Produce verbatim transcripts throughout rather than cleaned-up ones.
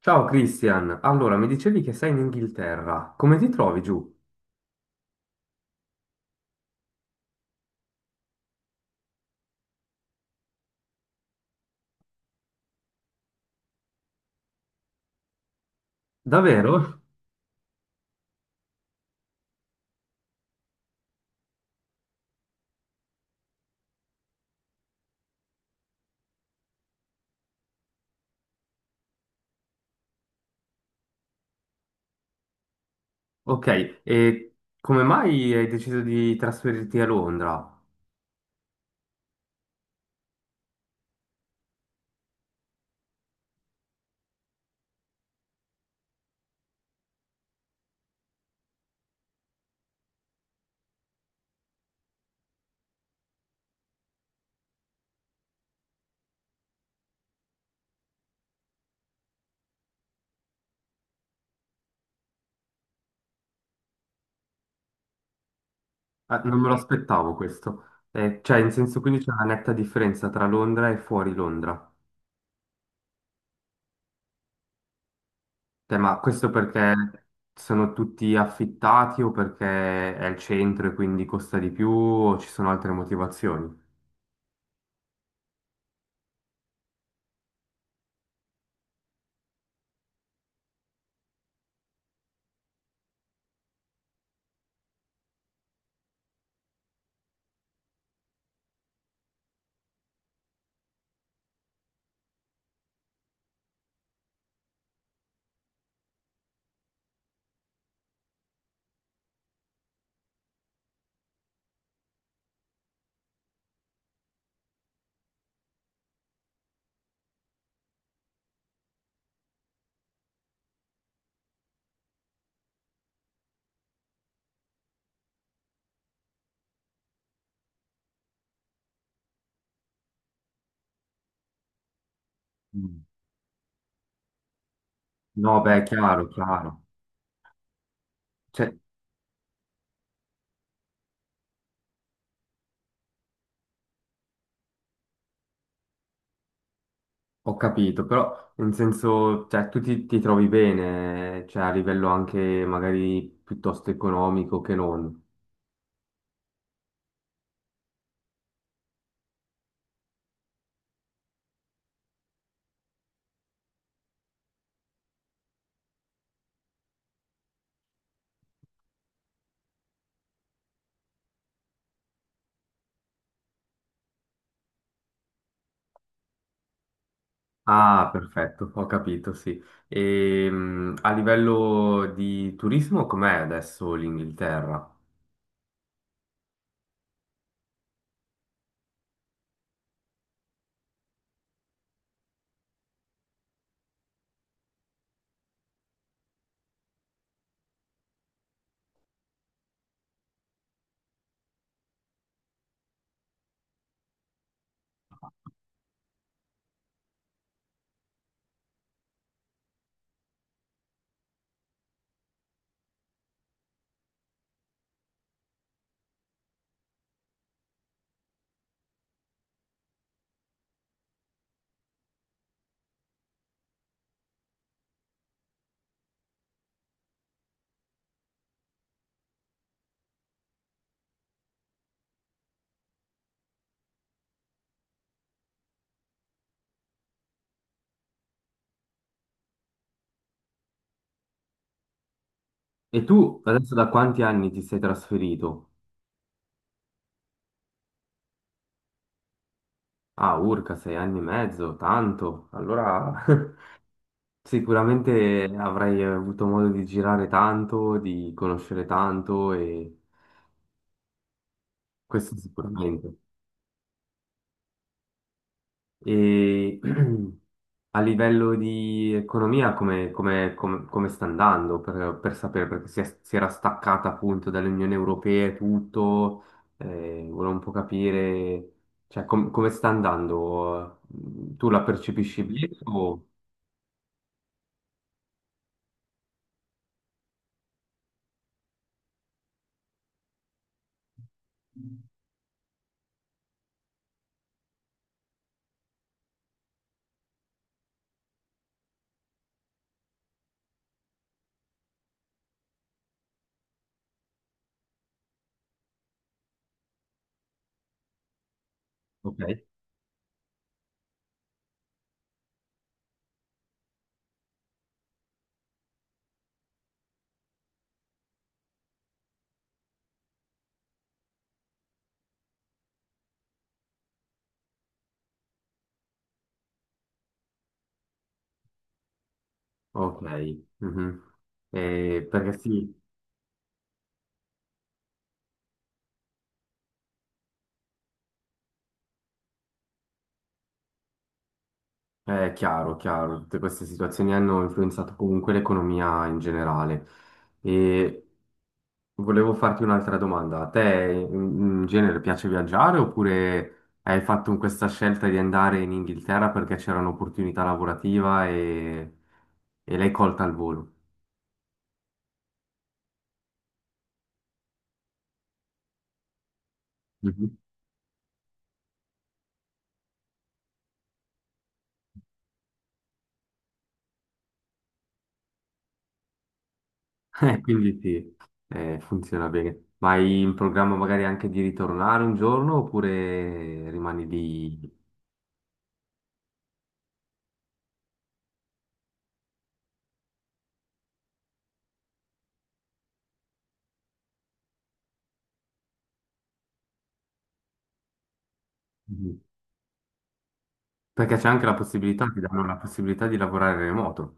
Ciao Christian, allora mi dicevi che sei in Inghilterra, come ti trovi giù? Davvero? Ok, e come mai hai deciso di trasferirti a Londra? Eh, non me lo aspettavo questo. Eh, cioè, in senso, quindi c'è una netta differenza tra Londra e fuori Londra. Cioè, ma questo perché sono tutti affittati o perché è il centro e quindi costa di più o ci sono altre motivazioni? Mm. No, beh, chiaro, chiaro. Cioè, ho capito, però in senso, cioè, tu ti, ti trovi bene, cioè a livello anche magari piuttosto economico che non. Ah, perfetto, ho capito, sì. E, mm, a livello di turismo, com'è adesso l'Inghilterra? E tu adesso da quanti anni ti sei trasferito? Ah, urca, sei anni e mezzo, tanto. Allora, sicuramente avrai avuto modo di girare tanto, di conoscere tanto e questo sicuramente. E a livello di economia, come, come- come- come sta andando, per, per sapere? Perché si, è- si era staccata appunto dall'Unione Europea e tutto, eh, volevo un po' capire, cioè, com- come sta andando? Tu la percepisci bene o... Ok, ok. Mhm. Eh, perché sì, è chiaro, chiaro, tutte queste situazioni hanno influenzato comunque l'economia in generale. E volevo farti un'altra domanda. A te in in genere piace viaggiare oppure hai fatto un- questa scelta di andare in Inghilterra perché c'era un'opportunità lavorativa e, e l'hai colta al volo? Mhm. Eh, Quindi sì, eh, funziona bene. Ma hai in programma magari anche di ritornare un giorno oppure rimani lì? Mhm. Perché c'è anche la possibilità, ti danno la possibilità di lavorare remoto.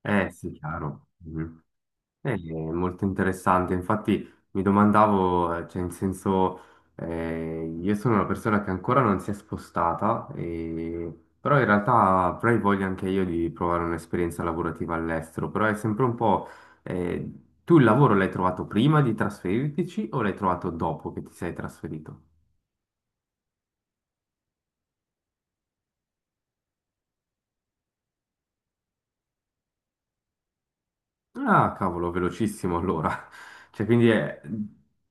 Eh sì, chiaro. Mhm. Eh, molto interessante, infatti mi domandavo, eh, cioè in senso, eh, io sono una persona che ancora non si è spostata, e- Però in realtà avrei voglia anche io di provare un'esperienza lavorativa all'estero, però è sempre un po', eh, Tu il lavoro l'hai trovato prima di trasferirtici o l'hai trovato dopo che ti sei trasferito? Ah, cavolo, velocissimo allora. Cioè, quindi eh,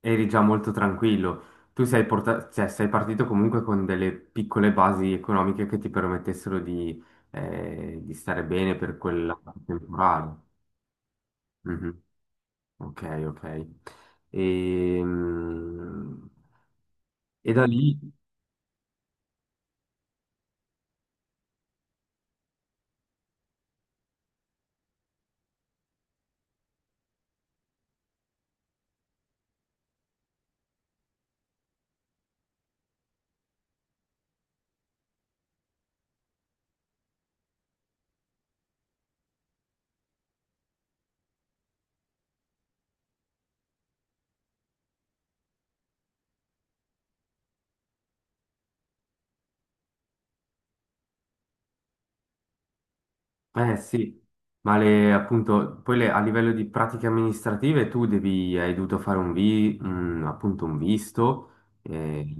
eri già molto tranquillo. Tu sei, porta- cioè, sei partito comunque con delle piccole basi economiche che ti permettessero di, eh, di stare bene per quella temporale. Mhm. Ok, ok. Ehm, E, da lì, eh sì, ma le, appunto, poi le- a livello di pratiche amministrative tu devi, hai dovuto fare un, vi- un- appunto un visto. eh,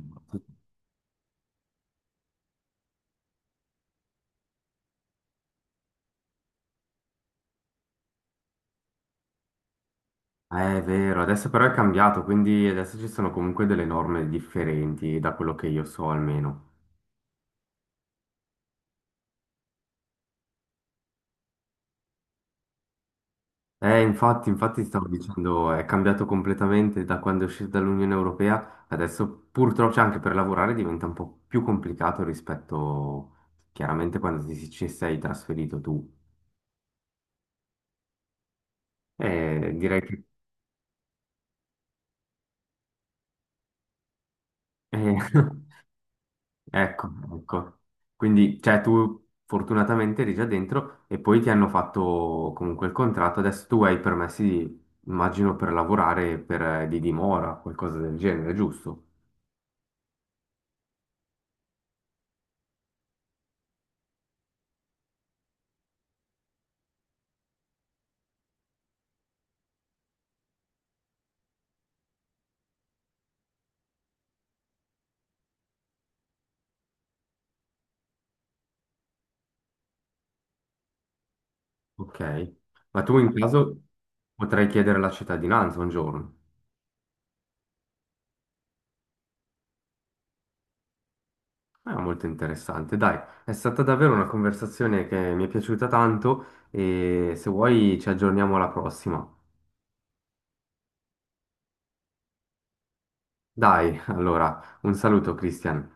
Eh, È vero, adesso però è cambiato, quindi adesso ci sono comunque delle norme differenti da quello che io so almeno. Eh, infatti, infatti stavo dicendo, è cambiato completamente da quando è uscita dall'Unione Europea, adesso purtroppo cioè, anche per lavorare diventa un po' più complicato rispetto chiaramente quando ti- ci sei trasferito tu. Eh, direi che... eh, Ecco, ecco. Quindi, cioè, tu fortunatamente eri già dentro e poi ti hanno fatto comunque il contratto. Adesso tu hai i permessi, immagino, per lavorare per, eh, di dimora, qualcosa del genere, giusto? Ok. Ma tu in caso potrai chiedere la cittadinanza un giorno. È molto interessante. Dai, è stata davvero una conversazione che mi è piaciuta tanto e se vuoi ci aggiorniamo alla prossima. Dai, allora, un saluto, Christian.